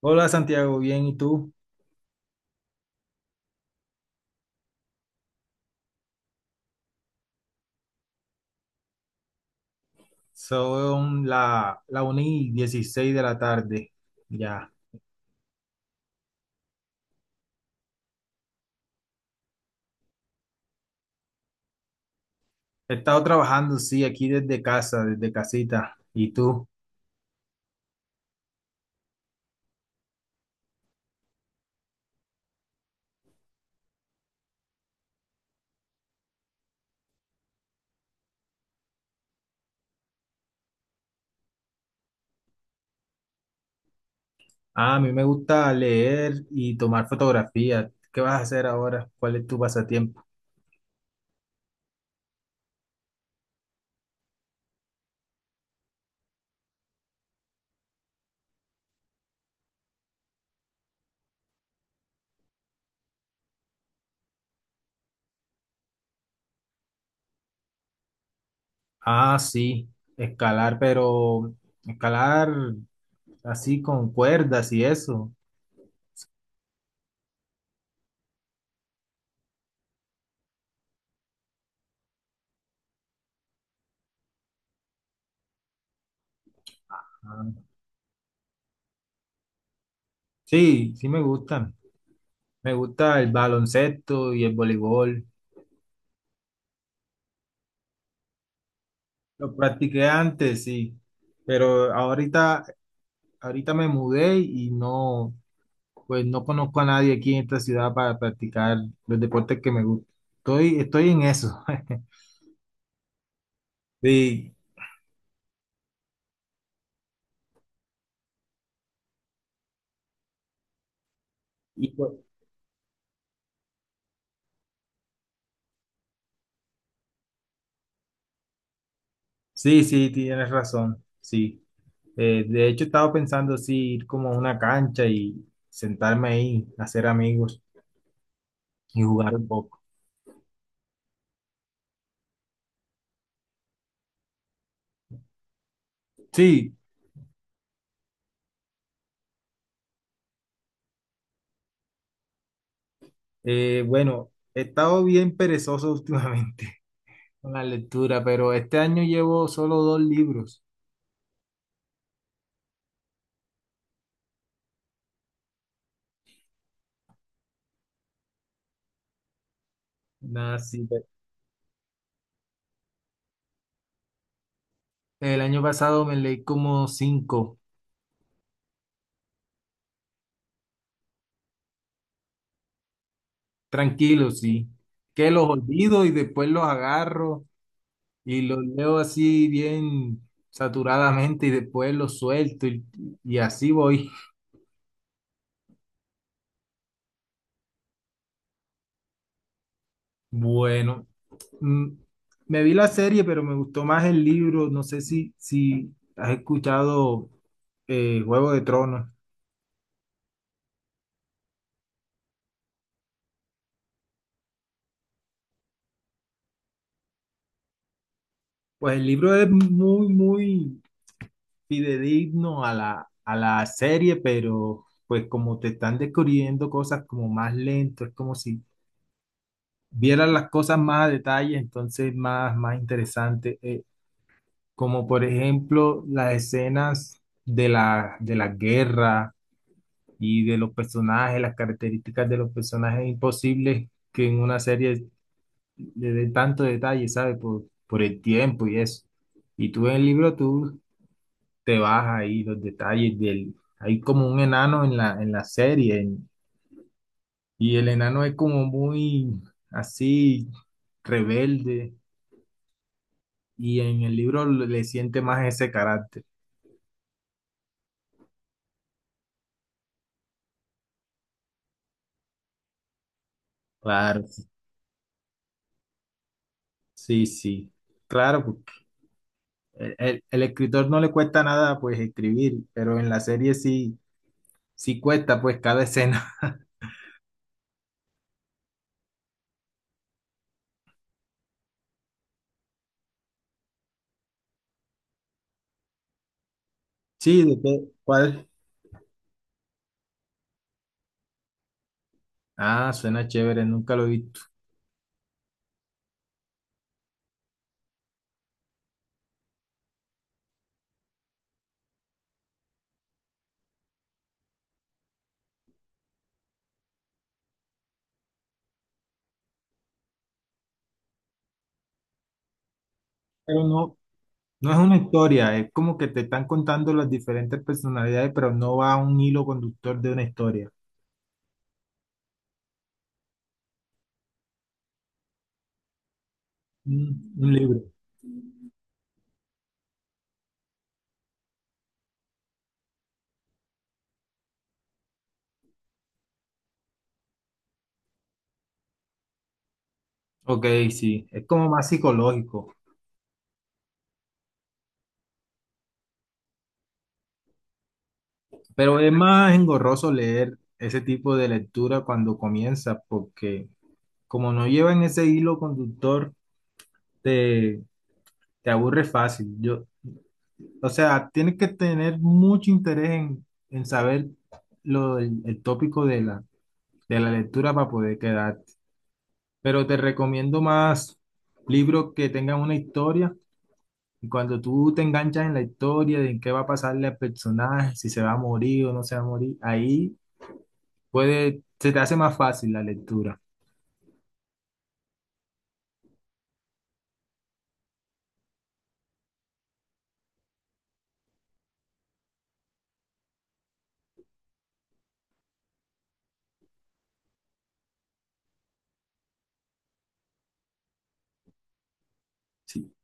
Hola Santiago, bien, ¿y tú? Son la 1 y 16 de la tarde. Ya. He estado trabajando, sí, aquí desde casa, desde casita. ¿Y tú? Ah, a mí me gusta leer y tomar fotografías. ¿Qué vas a hacer ahora? ¿Cuál es tu pasatiempo? Ah, sí, escalar, pero escalar así con cuerdas y eso. Ah, sí, sí me gustan. Me gusta el baloncesto y el voleibol. Lo practiqué antes, sí, pero ahorita me mudé y no, pues no conozco a nadie aquí en esta ciudad para practicar los deportes que me gustan. Estoy en eso. Sí, y pues- sí, sí, tienes razón, sí. De hecho, estaba pensando sí, ir como a una cancha y sentarme ahí, hacer amigos y jugar un poco. Sí, bueno, he estado bien perezoso últimamente con la lectura, pero este año llevo solo dos libros. Nada, sí, el año pasado me leí como cinco, tranquilo, sí. Que los olvido y después los agarro y los leo así bien saturadamente y después los suelto y así voy. Bueno, mm, me vi la serie, pero me gustó más el libro. No sé si has escuchado Juego de Tronos. Pues el libro es muy fidedigno a a la serie, pero pues como te están descubriendo cosas como más lento, es como si vieras las cosas más a detalle, entonces más interesante. Como por ejemplo las escenas de de la guerra y de los personajes, las características de los personajes imposibles que en una serie le den tanto detalle, ¿sabes? Por el tiempo y eso. Y tú en el libro, tú te vas ahí los detalles del... Hay como un enano en en la serie y el enano es como muy así rebelde y en el libro le siente más ese carácter. Claro, sí. Claro, porque el escritor no le cuesta nada pues escribir, pero en la serie sí, sí cuesta pues cada escena. Sí, ¿de qué? ¿Cuál? Ah, suena chévere, nunca lo he visto. Pero no, no es una historia, es como que te están contando las diferentes personalidades, pero no va a un hilo conductor de una historia. Un libro. Ok, sí, es como más psicológico, pero es más engorroso leer ese tipo de lectura cuando comienza, porque como no llevan ese hilo conductor, te, te aburre fácil. Yo, o sea, tienes que tener mucho interés en saber el tópico de de la lectura para poder quedarte. Pero te recomiendo más libros que tengan una historia. Y cuando tú te enganchas en la historia de en qué va a pasarle al personaje, si se va a morir o no se va a morir, ahí se te hace más fácil la lectura. Sí.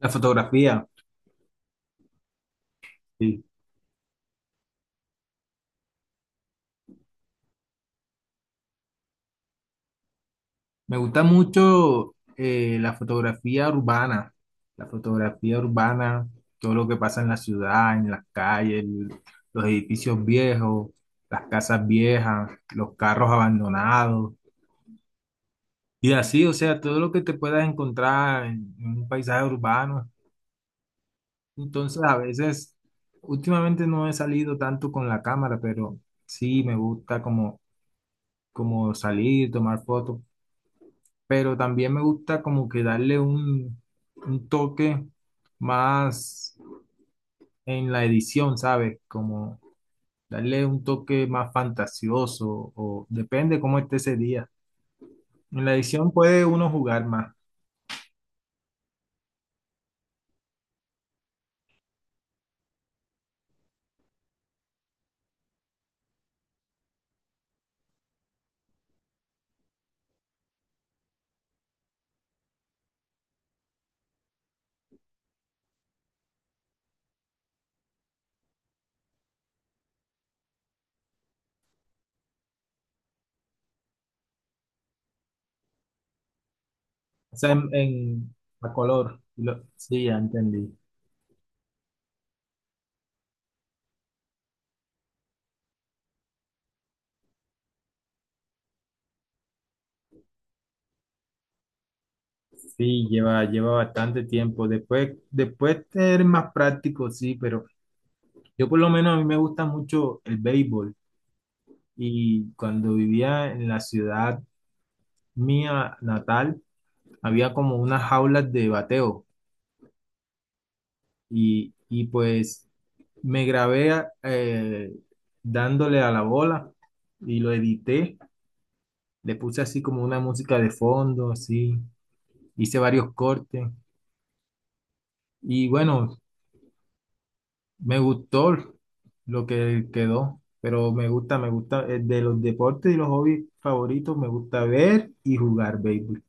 La fotografía, sí. Me gusta mucho la fotografía urbana, todo lo que pasa en la ciudad, en las calles, los edificios viejos, las casas viejas, los carros abandonados. Y así, o sea, todo lo que te puedas encontrar en un paisaje urbano. Entonces, a veces, últimamente no he salido tanto con la cámara, pero sí me gusta como, como salir, tomar fotos, pero también me gusta como que darle un toque más en la edición, ¿sabes? Como darle un toque más fantasioso, o depende cómo esté ese día. En la edición puede uno jugar más. O sea, a color. Sí, ya entendí. Sí, lleva bastante tiempo. Después, después ser más práctico, sí, pero yo por lo menos a mí me gusta mucho el béisbol. Y cuando vivía en la ciudad mía natal, había como unas jaulas de bateo. Y pues me grabé a- eh, dándole a la bola y lo edité. Le puse así como una música de fondo, así. Hice varios cortes y bueno, me gustó lo que quedó, pero me gusta, de los deportes y los hobbies favoritos, me gusta ver y jugar béisbol.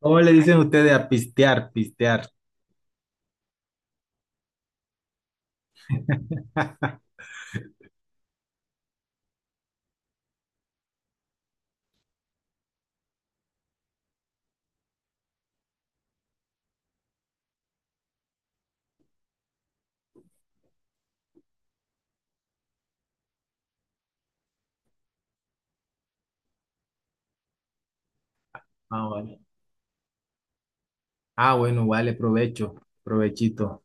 ¿Cómo le dicen ustedes a pistear? Ah, vale. Ah, bueno, vale, provecho, provechito.